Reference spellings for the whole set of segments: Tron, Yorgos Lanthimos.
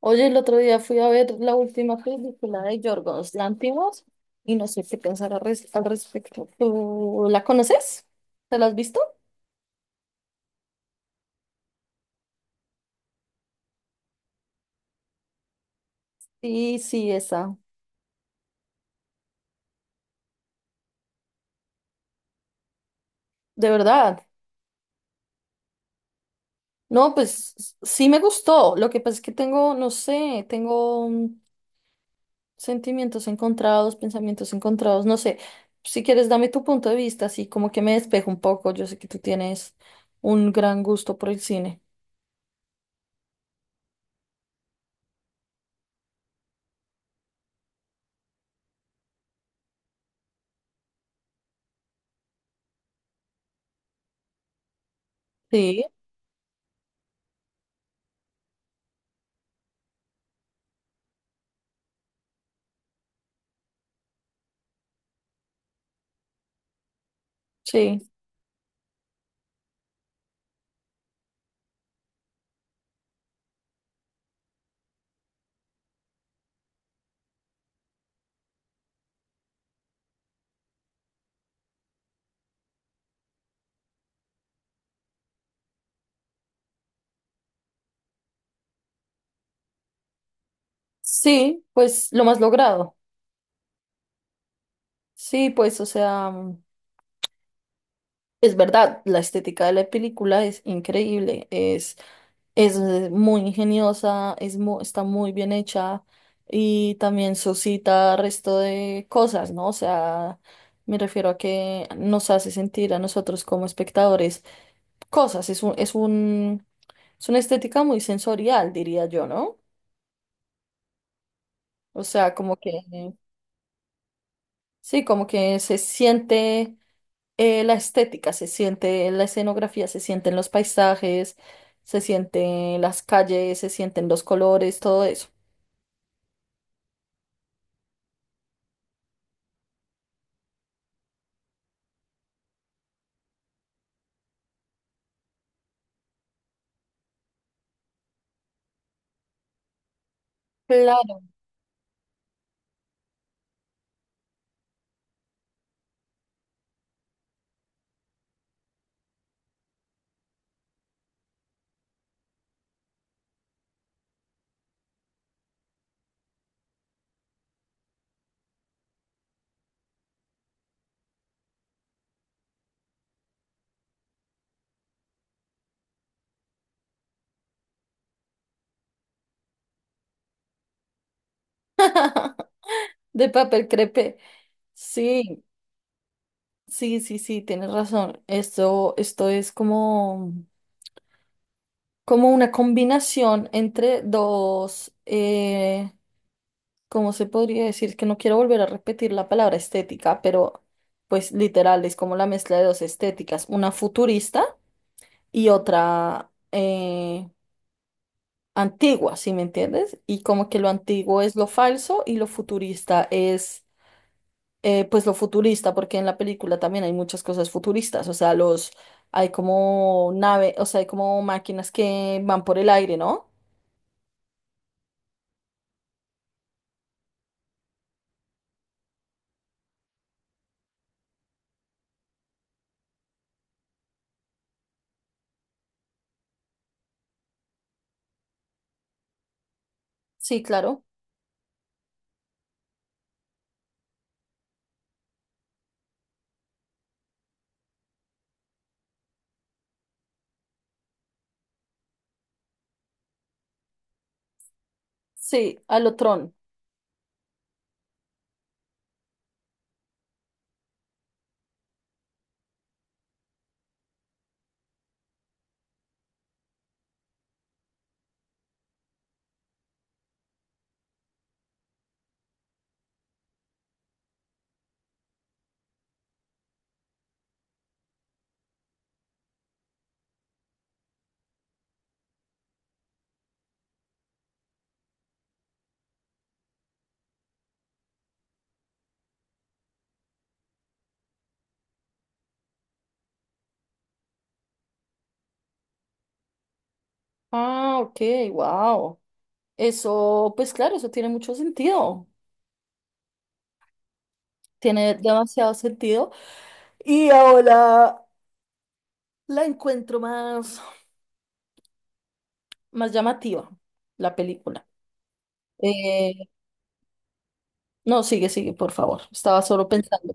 Oye, el otro día fui a ver la última película de Yorgos Lanthimos y no sé qué pensar al respecto. ¿Tú la conoces? ¿Te la has visto? Sí, sí, esa. ¿De verdad? No, sí me gustó. Lo que pasa es que tengo, no sé, tengo sentimientos encontrados, pensamientos encontrados, no sé. Si quieres, dame tu punto de vista, así como que me despejo un poco. Yo sé que tú tienes un gran gusto por el cine. Sí, sí. Sí, pues lo más logrado. Sí, pues, o sea, es verdad, la estética de la película es increíble, es muy ingeniosa, está muy bien hecha y también suscita resto de cosas, ¿no? O sea, me refiero a que nos hace sentir a nosotros como espectadores cosas, es una estética muy sensorial, diría yo, ¿no? O sea, sí, como que se siente la estética se siente, la escenografía se siente en los paisajes, se siente en las calles, se sienten los colores, todo eso. Claro, de papel crepé. Sí, sí, sí, sí, tienes razón. Esto es como, como una combinación entre dos, ¿cómo se podría decir? Es que no quiero volver a repetir la palabra estética, pero pues literal es como la mezcla de dos estéticas, una futurista y otra, antigua, ¿sí me entiendes? Y como que lo antiguo es lo falso y lo futurista es, pues lo futurista, porque en la película también hay muchas cosas futuristas, o sea, hay como nave, o sea, hay como máquinas que van por el aire, ¿no? Sí, claro. Sí, a lo Tron. Ah, ok, wow. Eso, pues claro, eso tiene mucho sentido. Tiene demasiado sentido. Y ahora la encuentro más, más llamativa, la película. Eh, No, sigue, sigue, por favor. Estaba solo pensando.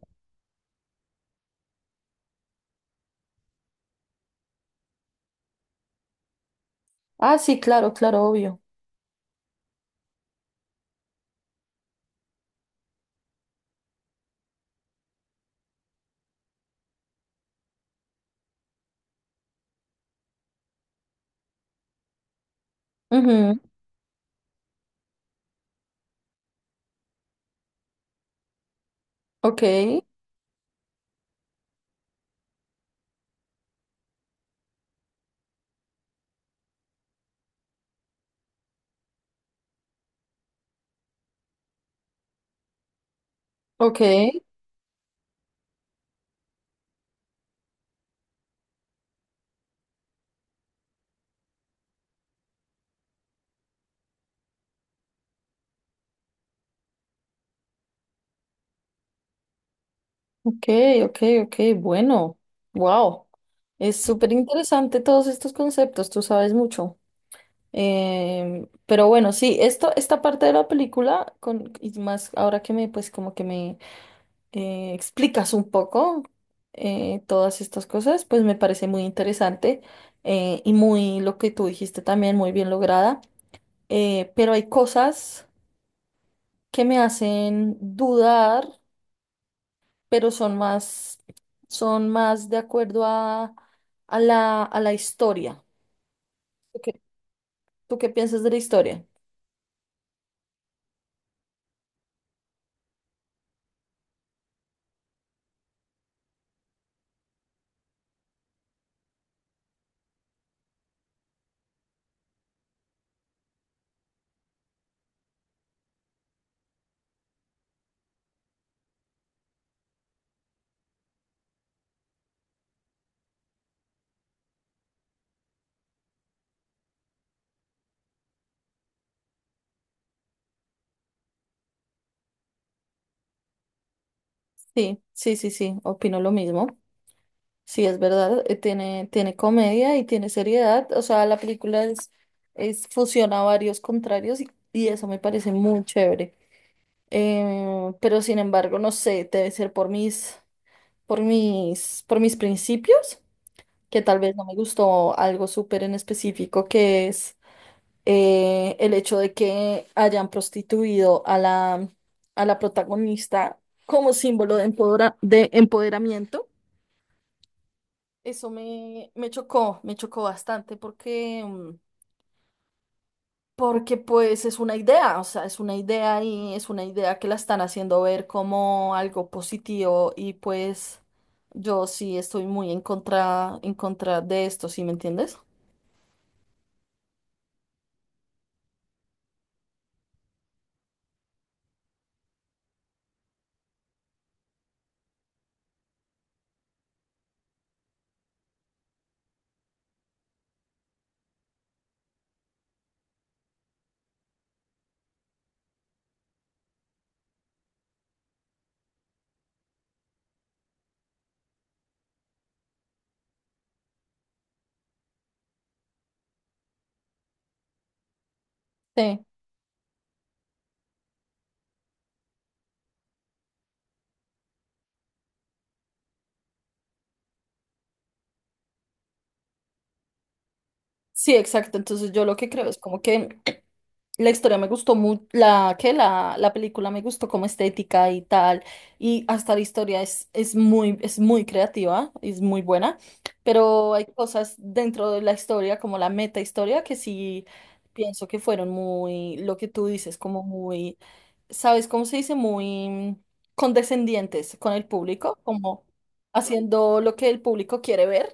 Ah, sí, claro, claro, obvio. Ujú. Ok, ok, ok, ok, ok. Bueno, wow. Es súper interesante todos estos conceptos, tú sabes mucho. Pero bueno, sí, esto, esta parte de la película, y más ahora que pues como que me explicas un poco todas estas cosas, pues me parece muy interesante y muy lo que tú dijiste también, muy bien lograda. Pero hay cosas que me hacen dudar, pero son más de acuerdo a la historia. ¿Tú qué, tú qué piensas de la historia? Sí, sí, sí, sí, opino lo mismo. Sí, es verdad, tiene, tiene comedia y tiene seriedad. O sea, es fusiona varios contrarios y eso me parece muy chévere. Pero sin embargo, no sé, debe ser por mis, por mis, por mis principios, que tal vez no me gustó algo súper en específico, que es el hecho de que hayan prostituido a la protagonista como símbolo de, de empoderamiento. Eso me, me chocó bastante porque, porque pues es una idea, o sea, es una idea y es una idea que la están haciendo ver como algo positivo y pues yo sí estoy muy en contra de esto, ¿sí me entiendes? Sí. Sí, exacto. Entonces yo lo que creo es como que la historia me gustó mucho, la película me gustó como estética y tal, y hasta la historia es muy creativa, es muy buena, pero hay cosas dentro de la historia, como la meta historia, que sí pienso que fueron muy, lo que tú dices, como muy, ¿sabes cómo se dice? Muy condescendientes con el público, como haciendo lo que el público quiere ver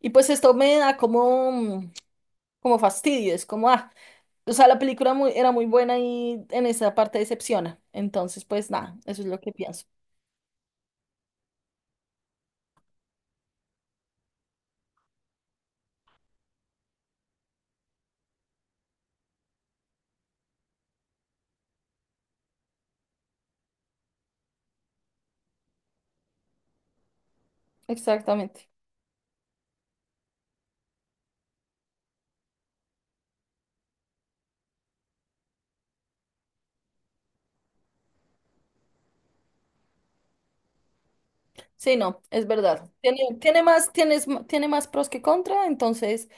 y pues esto me da como, como fastidio, es como, ah, o sea, la película muy, era muy buena y en esa parte decepciona. Entonces, pues nada, eso es lo que pienso. Exactamente. Sí, no, es verdad. Tiene más pros que contra, entonces,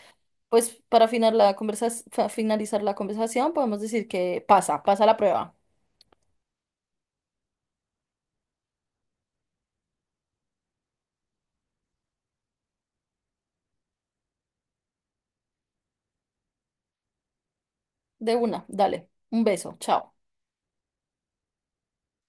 pues para finalizar la conversación, podemos decir que pasa, pasa la prueba. De una, dale. Un beso, chao.